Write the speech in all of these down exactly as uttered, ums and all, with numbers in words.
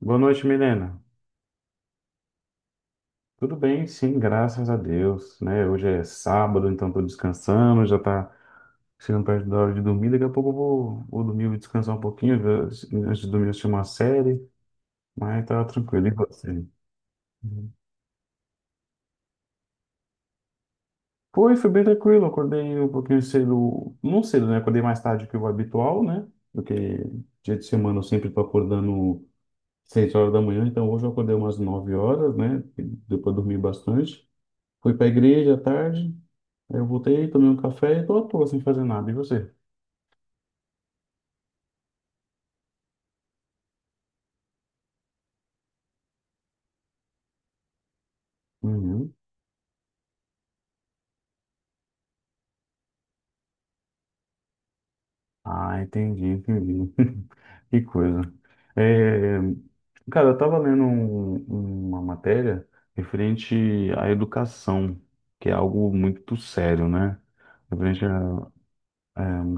Boa noite, Milena. Tudo bem? Sim, graças a Deus, né? Hoje é sábado, então tô descansando, já tá chegando perto da hora de dormir. Daqui a pouco eu vou, vou dormir, vou descansar um pouquinho, ver- antes de dormir assistir uma série, mas tá tranquilo. E você? Uhum. Foi, foi bem tranquilo. Acordei um pouquinho cedo, não cedo, né? Acordei mais tarde que o habitual, né? Porque dia de semana eu sempre tô acordando seis horas da manhã, então hoje eu acordei umas nove horas, né? Depois dormi bastante. Fui para a igreja à tarde, eu voltei, tomei um café e tô à toa sem fazer nada. E você? Uhum. Ah, entendi, entendi. Que coisa. É, cara, eu tava lendo um- uma matéria referente à educação, que é algo muito sério, né? Referente à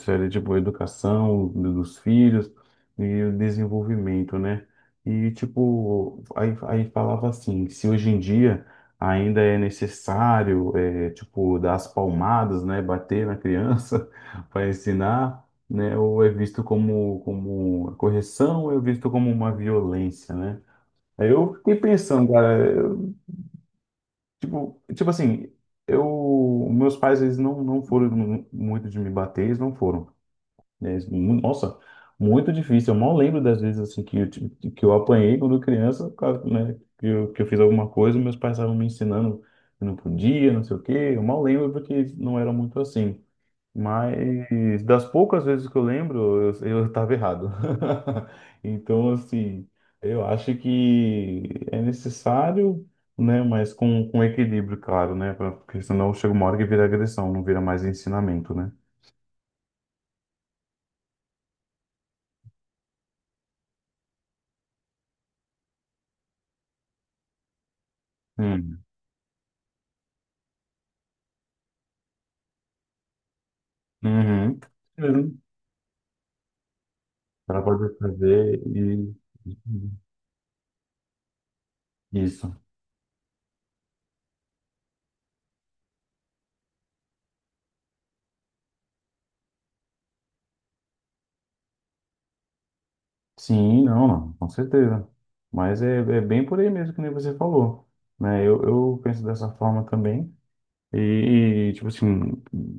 Seria tipo a educação dos filhos e o desenvolvimento, né? E tipo, aí, aí falava assim, se hoje em dia ainda é necessário, é, tipo, dar as palmadas, né? Bater na criança para ensinar, né? Ou é visto como, como correção, ou é visto como uma violência, né? Aí eu fiquei pensando, cara, eu, tipo, tipo assim, eu, meus pais, eles não, não foram mu- muito de me bater, eles não foram, né? Mu- Nossa, muito difícil. Eu mal lembro das vezes assim que eu, ti- que eu apanhei quando criança, por causa, né? Que eu, que eu fiz alguma coisa, meus pais estavam me ensinando que não podia, não sei o quê. Eu mal lembro porque não era muito assim. Mas das poucas vezes que eu lembro, eu, eu estava errado. Então, assim, eu acho que é necessário, né? Mas com, com equilíbrio, claro, né? pra- Porque senão chega uma hora que vira agressão, não vira mais ensinamento, né? Hum. Uhum. Para poder fazer e isso. Sim, não, não, com certeza. Mas é, é bem por aí mesmo que nem você falou, né? Eu, eu penso dessa forma também. E, e, tipo assim,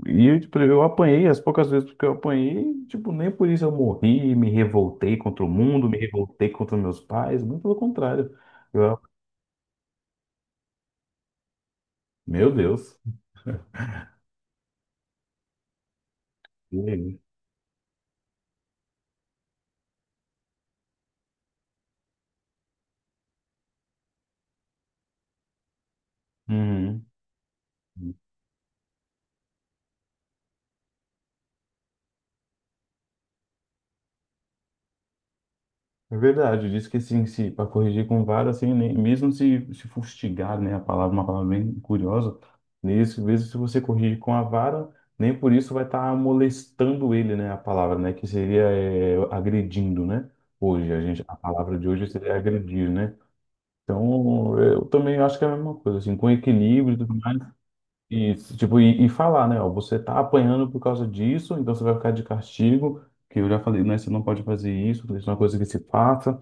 e, tipo, eu apanhei as poucas vezes que eu apanhei, tipo, nem por isso eu morri, me revoltei contra o mundo, me revoltei contra meus pais, muito pelo contrário. Eu, meu Deus. Uhum. É verdade, diz que assim, se para corrigir com vara, assim, nem, mesmo se, se fustigar, né, a palavra, uma palavra bem curiosa, nesse, mesmo se você corrigir com a vara, nem por isso vai estar molestando ele, né, a palavra, né, que seria é, agredindo, né, hoje, a gente, a palavra de hoje seria agredir, né, então eu também acho que é a mesma coisa, assim, com equilíbrio e tudo mais, e, tipo, e, e falar, né, ó, você tá apanhando por causa disso, então você vai ficar de castigo, que eu já falei, né, você não pode fazer isso, isso é uma coisa que se passa,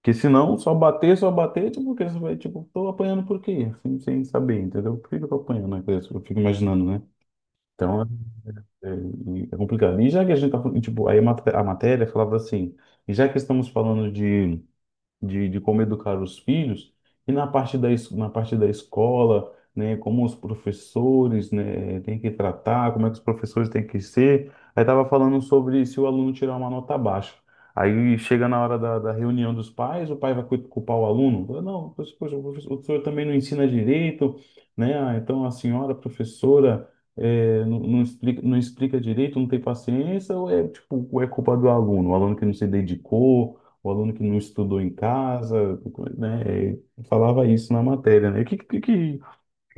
porque senão, só bater, só bater, tipo, porque você vai, tipo, tô apanhando por quê? Sem, sem saber, entendeu? Por que que eu tô apanhando? Né? Eu fico imaginando, né? Então, é, é é complicado. E já que a gente tá falando, tipo, aí a maté- a matéria falava assim, e já que estamos falando de de, de como educar os filhos, e na parte da, es- na parte da escola, né, como os professores, né, têm que tratar, como é que os professores têm que ser. Aí estava falando sobre se o aluno tirar uma nota baixa. Aí chega na hora da, da reunião dos pais, o pai vai cu- culpar o aluno. Fala, não, poxa, poxa, o professor, o senhor também não ensina direito, né? Ah, então a senhora professora, eh, não, não explica, não explica direito, não tem paciência, ou é, tipo, ou é culpa do aluno, o aluno que não se dedicou, o aluno que não estudou em casa, né? Falava isso na matéria, né? O que, que, que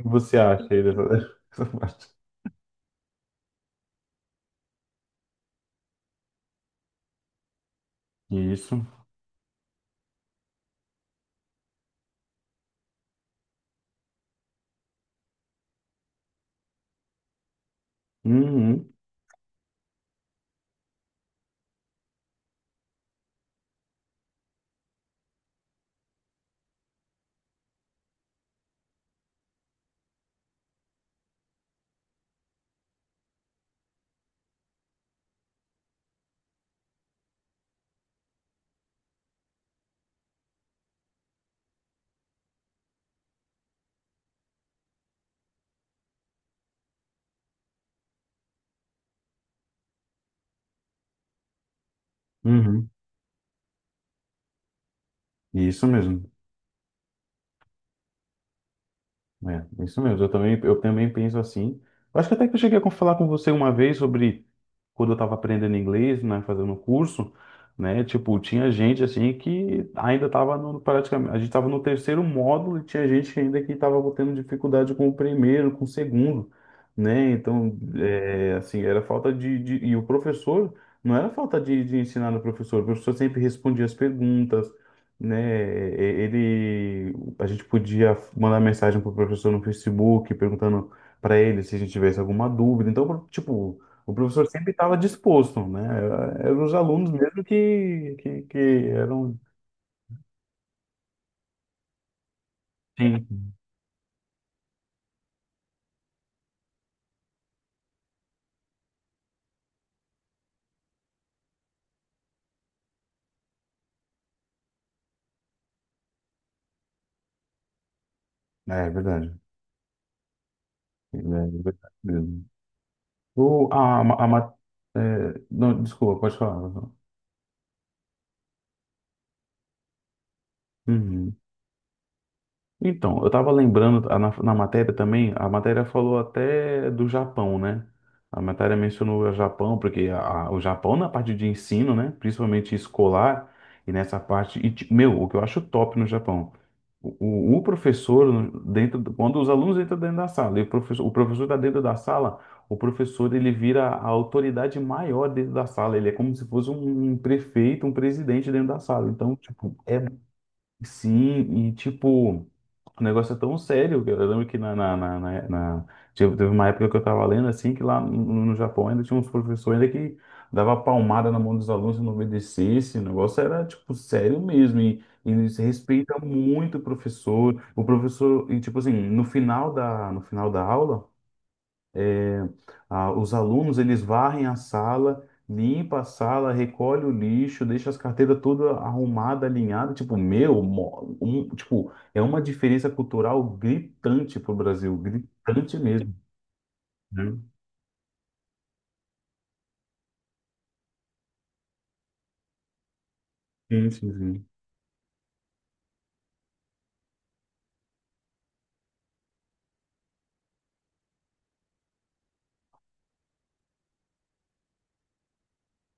você acha aí dessa, dessa parte? Isso. Uhum, uhum. Isso mesmo. É, isso mesmo. Eu também, eu também penso assim. Eu acho que até que eu cheguei a falar com você uma vez sobre quando eu estava aprendendo inglês, né, fazendo um curso, né, tipo, tinha gente assim que ainda estava no, praticamente, a gente estava no terceiro módulo e tinha gente ainda que estava tendo dificuldade com o primeiro, com o segundo, né, então, é, assim, era falta de, de, e o professor, não era falta de, de ensinar no professor, o professor sempre respondia as perguntas, né, e- ele, a gente podia mandar mensagem para o professor no Facebook perguntando para ele se a gente tivesse alguma dúvida, então, tipo, o professor sempre estava disposto, né? Era- Eram os alunos mesmo que, que, que eram. Sim. É, é verdade. É verdade mesmo. O, a, ma- a, ma- é, não, desculpa, pode falar. Uhum. Então, eu estava lembrando a- na, na matéria também, a matéria falou até do Japão, né? A matéria mencionou o Japão, porque a- a- o Japão na parte de ensino, né? Principalmente escolar, e nessa parte. E, ti- meu, o que eu acho top no Japão. O, o- o professor, dentro, do- quando os alunos entram dentro da sala, e o professor, o professor está dentro da sala, o professor ele vira a autoridade maior dentro da sala. Ele é como se fosse um, um prefeito, um presidente dentro da sala. Então, tipo, é. Sim, e tipo, o negócio é tão sério, que eu eu lembro que na, na, na, na- na- teve, teve uma época que eu tava lendo assim, que lá no, no Japão ainda tinha uns professores ainda que dava palmada na mão dos alunos se não obedecesse. O negócio era, tipo, sério mesmo. E, e se respeita muito o professor. O professor, e tipo assim, no final da, no final da aula. Ah, os alunos, eles varrem a sala, limpa a sala, recolhe o lixo, deixa as carteiras toda arrumada, alinhada. Tipo, meu, mo- um- tipo, é uma diferença cultural gritante pro Brasil, gritante mesmo, né? Sim, sim, sim.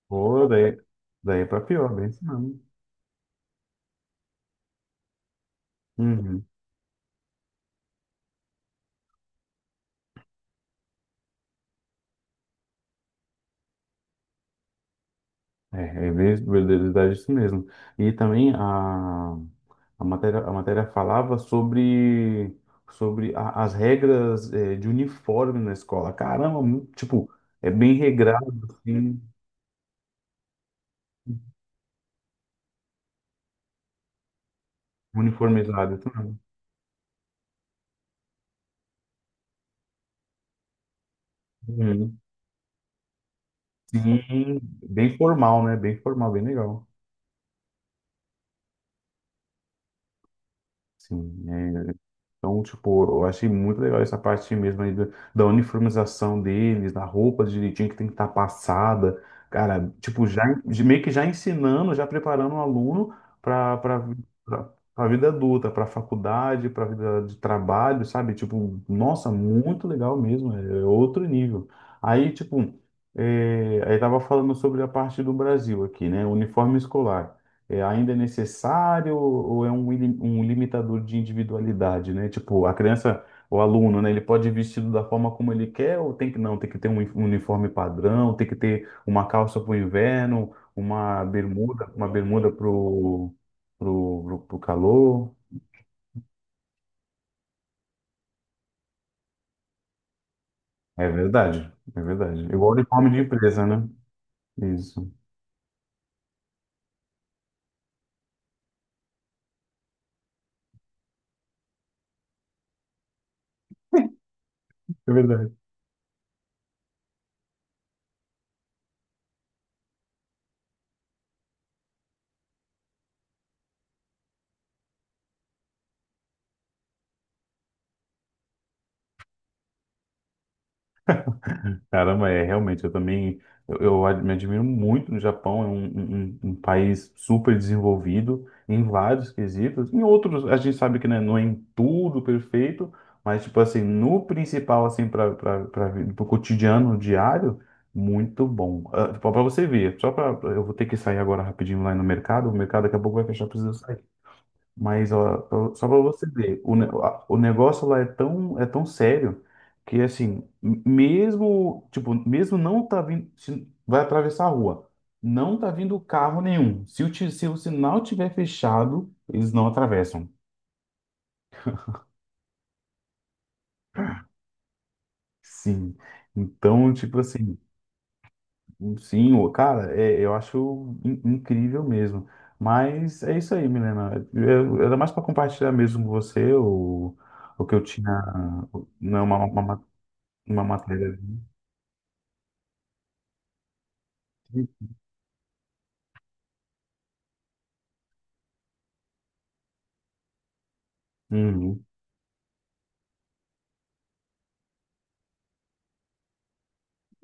Pô, daí, daí é pra pior, bem isso não. É, é ver- verdade é isso mesmo. E também a, a matéria, a matéria falava sobre, sobre a- as regras, eh, de uniforme na escola. Caramba, mu- tipo, é bem regrado, assim, uniformizado. Isso mesmo. Uhum. Sim, bem formal, né? Bem formal, bem legal. Sim, é, então, tipo, eu achei muito legal essa parte mesmo aí da, da uniformização deles, da roupa direitinho que tem que estar passada. Cara, tipo, já, de- meio que já ensinando, já preparando o aluno para para vida adulta, para faculdade, para vida de trabalho, sabe? Tipo, nossa, muito legal mesmo, é outro nível. Aí, tipo, é, aí tava falando sobre a parte do Brasil aqui, né? Uniforme escolar, é, ainda é necessário ou é um, ili- um limitador de individualidade, né? Tipo, a criança, o aluno, né? Ele pode ir vestido da forma como ele quer ou tem que não, tem que ter um uni- um uniforme padrão, tem que ter uma calça para o inverno, uma bermuda, uma bermuda pro, pro, pro, pro calor. É verdade, é verdade. Igual uniforme de empresa, né? Isso. É verdade. Caramba, é realmente, eu também, eu, eu ad- me admiro muito no Japão, é um, um- um- um país super desenvolvido em vários quesitos. Em outros, a gente sabe que, né, não é em tudo perfeito, mas tipo assim, no principal, assim, para o cotidiano diário, muito bom. Ah, tipo, para você ver, só para, eu vou ter que sair agora rapidinho lá no mercado, o mercado daqui a pouco vai fechar, precisa sair. Mas ó, pra- só para você ver, o, ne- a- o negócio lá é tão, é tão sério que assim, m- mesmo, tipo, mesmo não tá vindo, se vai atravessar a rua, não tá vindo carro nenhum. Se o, ti- se o sinal tiver fechado, eles não atravessam. Sim. Então, tipo assim, sim, ô, cara, é- eu acho in- incrível mesmo. Mas é isso aí, Milena. Eu- Era mais para compartilhar mesmo com você o, o que eu tinha, não, uma, uma Uma matéria. Uhum.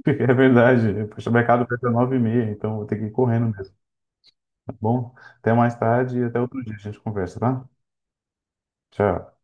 É verdade. Poxa, o mercado fecha nove e meia, então vou ter que ir correndo mesmo, tá bom? Até mais tarde e até outro dia a gente conversa, tá? Tchau.